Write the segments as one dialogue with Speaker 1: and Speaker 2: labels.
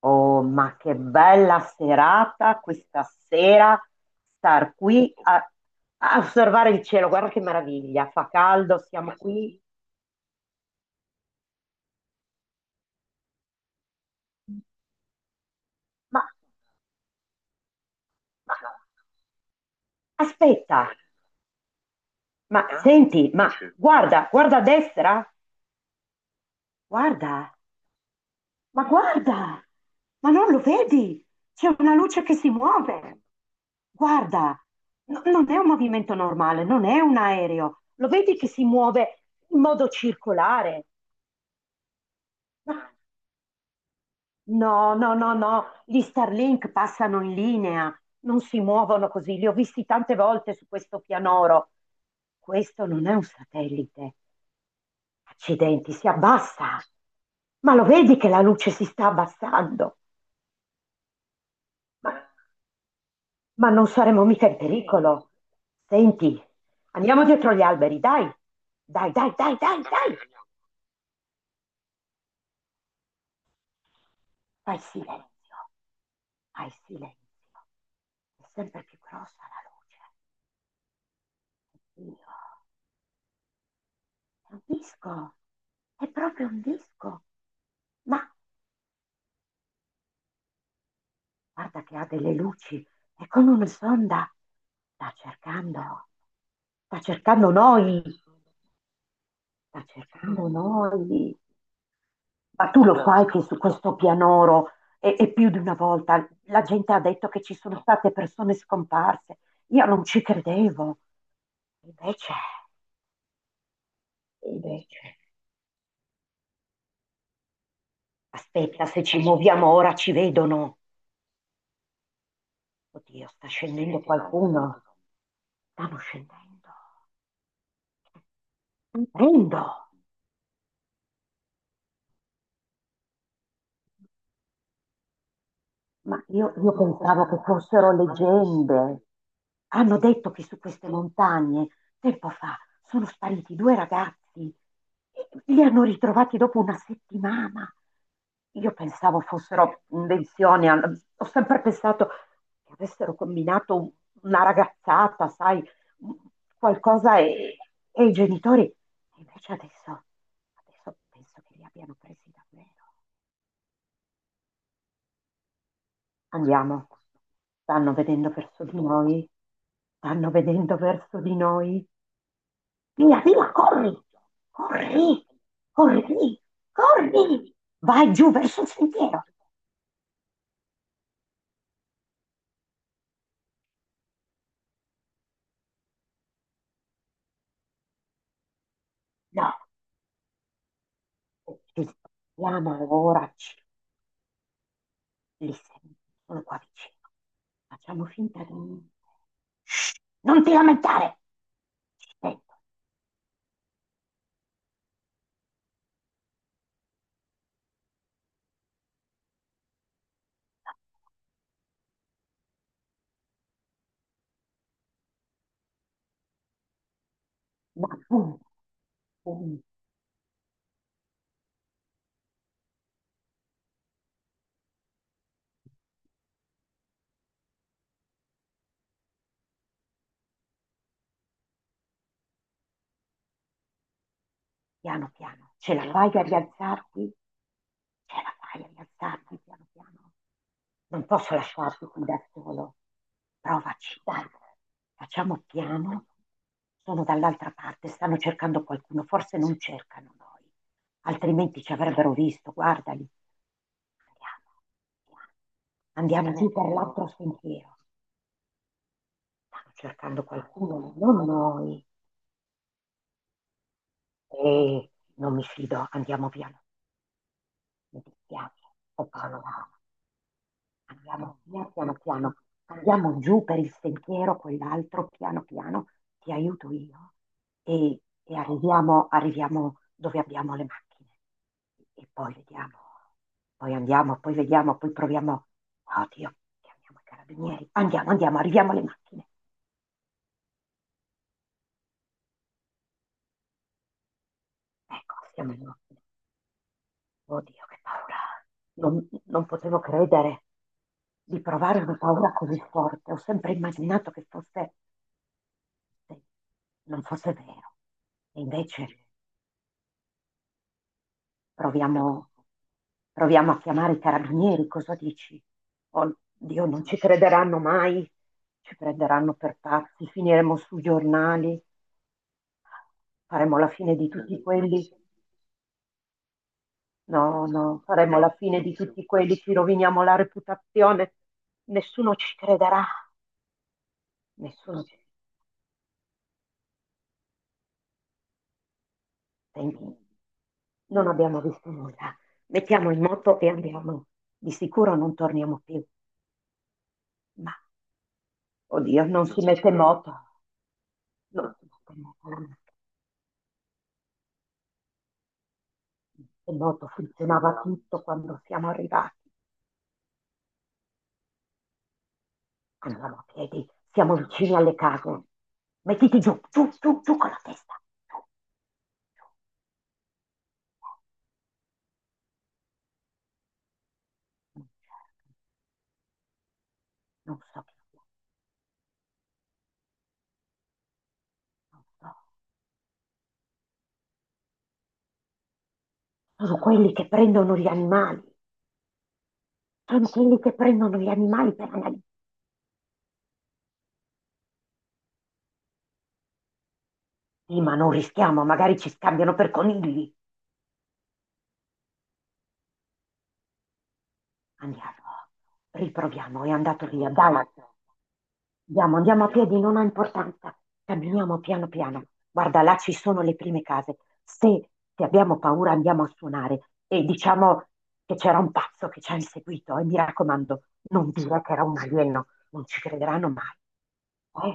Speaker 1: Oh, ma che bella serata questa sera, star qui a, a osservare il cielo, guarda che meraviglia, fa caldo, siamo qui. Ma, ma aspetta, ma senti, ma guarda, guarda a destra, guarda, guarda, ma non lo vedi? C'è una luce che si muove. Guarda, non è un movimento normale, non è un aereo. Lo vedi che si muove in modo circolare? No, no, no, no, gli Starlink passano in linea, non si muovono così, li ho visti tante volte su questo pianoro. Questo non è un satellite. Accidenti, si abbassa. Ma lo vedi che la luce si sta abbassando? Ma, ma non saremo mica in pericolo. Senti, andiamo dietro gli alberi, dai. Dai, dai, dai, dai, dai. Fai silenzio, fai silenzio. È sempre più grossa la luce. Oddio. È un disco, è proprio un disco. Ma guarda che ha delle luci, è come una sonda. Sta cercando, sta cercando noi, sta cercando noi. Ma tu lo sai che su questo pianoro, e più di una volta, la gente ha detto che ci sono state persone scomparse. Io non ci credevo. Invece, invece, aspetta, se ci muoviamo ora ci vedono. Oddio, sta scendendo qualcuno. Stanno scendendo. Scendendo! Ma io pensavo che fossero leggende. Hanno detto che su queste montagne, tempo fa, sono spariti due ragazzi. Li hanno ritrovati dopo una settimana. Io pensavo fossero invenzioni, ho sempre pensato che avessero combinato una ragazzata, sai, un- qualcosa e i genitori. E invece adesso, adesso penso che li abbiano presi davvero. Andiamo. Stanno vedendo verso di noi. Stanno vedendo verso di noi. Via, via, corri! Corri! Corri! Corri! Vai giù verso il sentiero. No, ci sentiamo ora. Li sento, sono qua vicino. Facciamo finta di... Non ti lamentare! Ci sento. No, boom, boom. Piano, piano. Ce la fai a rialzarti? Ce la fai a rialzarti piano, piano. Non posso lasciarti qui da solo. Provaci, dai. Facciamo piano. Sono dall'altra parte, stanno cercando qualcuno. Forse non cercano noi, altrimenti ci avrebbero visto. Guardali. Andiamo, andiamo. Andiamo giù per l'altro sentiero. Stanno cercando qualcuno, non noi. E non mi fido, andiamo piano. Mi dispiace. Ho paura. Andiamo via piano piano, andiamo giù per il sentiero, quell'altro, piano piano, ti aiuto io e arriviamo, arriviamo dove abbiamo le macchine e poi vediamo, poi andiamo, poi vediamo, poi proviamo. Oddio, chiamiamo i carabinieri, andiamo, andiamo, arriviamo alle macchine. Ecco, siamo alle macchine. Oddio, che paura. Non potevo credere di provare una paura così forte. Ho sempre immaginato che fosse se non fosse vero. E invece proviamo, proviamo a chiamare i carabinieri, cosa dici? Oddio, non ci crederanno mai, ci prenderanno per pazzi, finiremo sui giornali, faremo la fine di tutti quelli. No, no, faremo la fine di tutti quelli, ci roviniamo la reputazione. Nessuno ci crederà, nessuno ci... Senti, non abbiamo visto nulla. Mettiamo in moto e andiamo. Di sicuro non torniamo più. Ma oddio, non si mette in moto. Non si mette in moto la macchina. In moto funzionava tutto quando siamo arrivati. Andavamo a piedi, siamo vicini alle case. Mettiti giù, giù, giù, giù con la testa. Giù, giù. Non cercano, non so chi sia, non so. Sono quelli che prendono gli animali. Sono quelli che prendono gli animali per analizzare. Sì, ma non rischiamo, magari ci scambiano per conigli. Andiamo, riproviamo, è andato via, dai. Andiamo, andiamo a piedi, non ha importanza. Camminiamo piano piano. Guarda, là ci sono le prime case. Se, se abbiamo paura andiamo a suonare e diciamo che c'era un pazzo che ci ha inseguito e mi raccomando, non dire che era un alieno, non ci crederanno mai. Eh,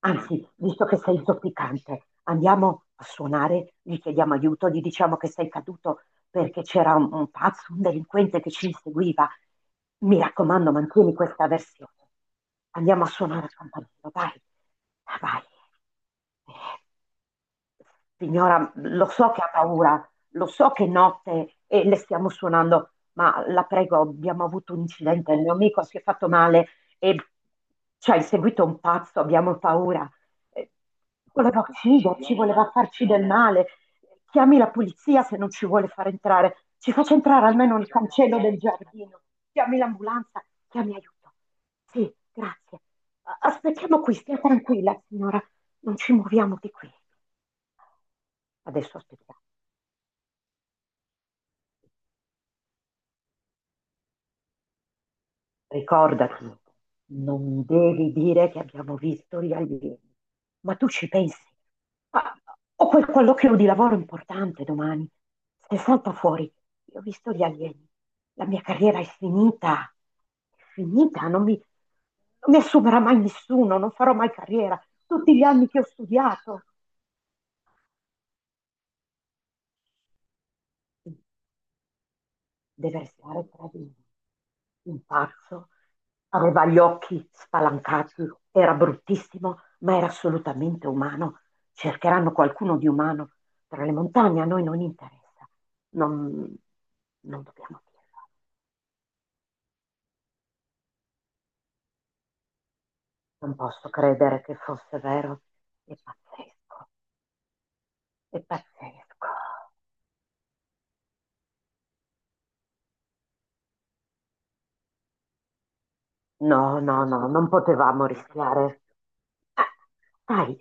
Speaker 1: Anzi, visto che sei zoppicante, andiamo a suonare, gli chiediamo aiuto, gli diciamo che sei caduto perché c'era un pazzo, un delinquente che ci inseguiva. Mi raccomando, mantieni questa versione. Andiamo a suonare a campanello, vai, vai. Signora, lo so che ha paura, lo so che è notte e le stiamo suonando, ma la prego, abbiamo avuto un incidente, il mio amico si è fatto male e ci ha inseguito un pazzo, abbiamo paura. Eh, Voleva ucciderci, voleva farci del male. Chiami la polizia se non ci vuole far entrare. Ci faccia entrare almeno nel cancello del giardino. Chiami l'ambulanza, chiami aiuto. Sì, grazie. Aspettiamo qui, stia tranquilla, signora. Non ci muoviamo di qui. Adesso aspettiamo. Ricordati, non devi dire che abbiamo visto gli alieni. Ma tu ci pensi? Ah, ho quel colloquio di lavoro importante domani. Se salta fuori, io ho visto gli alieni. La mia carriera è finita. È finita, non mi assumerà mai nessuno, non farò mai carriera. Tutti gli anni che ho studiato. Deversare Trevino. Un pazzo aveva gli occhi spalancati, era bruttissimo, ma era assolutamente umano. Cercheranno qualcuno di umano tra le montagne, a noi non interessa. Non, non dobbiamo dirlo. Non posso credere che fosse vero. È pazzesco, è pazzesco. No, no, no, non potevamo rischiare. Ah, dai,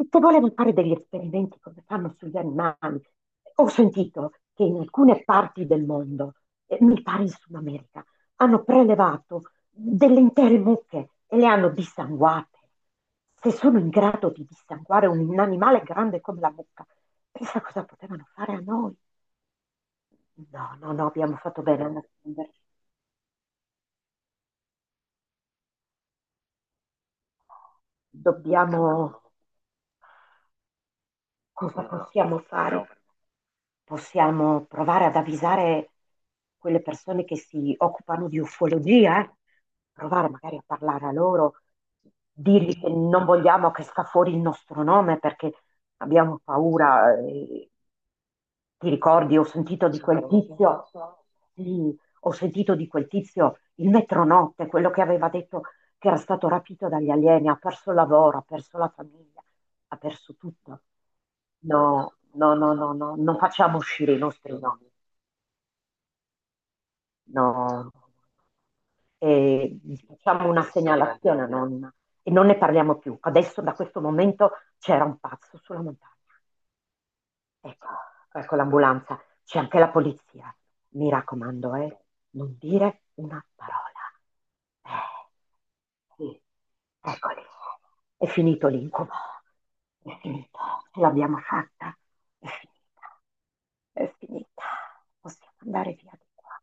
Speaker 1: e se volevi fare degli esperimenti come fanno sugli animali, ho sentito che in alcune parti del mondo, mi pare in Sud America, hanno prelevato delle intere mucche e le hanno dissanguate. Se sono in grado di dissanguare un animale grande come la mucca, pensa cosa potevano fare a noi. No, no, no, abbiamo fatto bene a nasconderci. Dobbiamo... Cosa possiamo fare? Possiamo provare ad avvisare quelle persone che si occupano di ufologia, eh? Provare magari a parlare a loro, dirgli che non vogliamo che sta fuori il nostro nome perché abbiamo paura. Eh, ti ricordi, ho sentito di quel tizio, sì, ho sentito di quel tizio il metronotte, quello che aveva detto che era stato rapito dagli alieni, ha perso il lavoro, ha perso la famiglia, ha perso tutto. No, no, no, no, no, non facciamo uscire i nostri nomi, no, e facciamo una segnalazione a nonna e non ne parliamo più. Adesso da questo momento c'era un pazzo sulla montagna. Ecco, ecco l'ambulanza, c'è anche la polizia. Mi raccomando, non dire una parola. Eh, sì, eccoli. È finito l'incubo. È finito. Ce l'abbiamo fatta. È finita. È finita. Possiamo andare via di qua.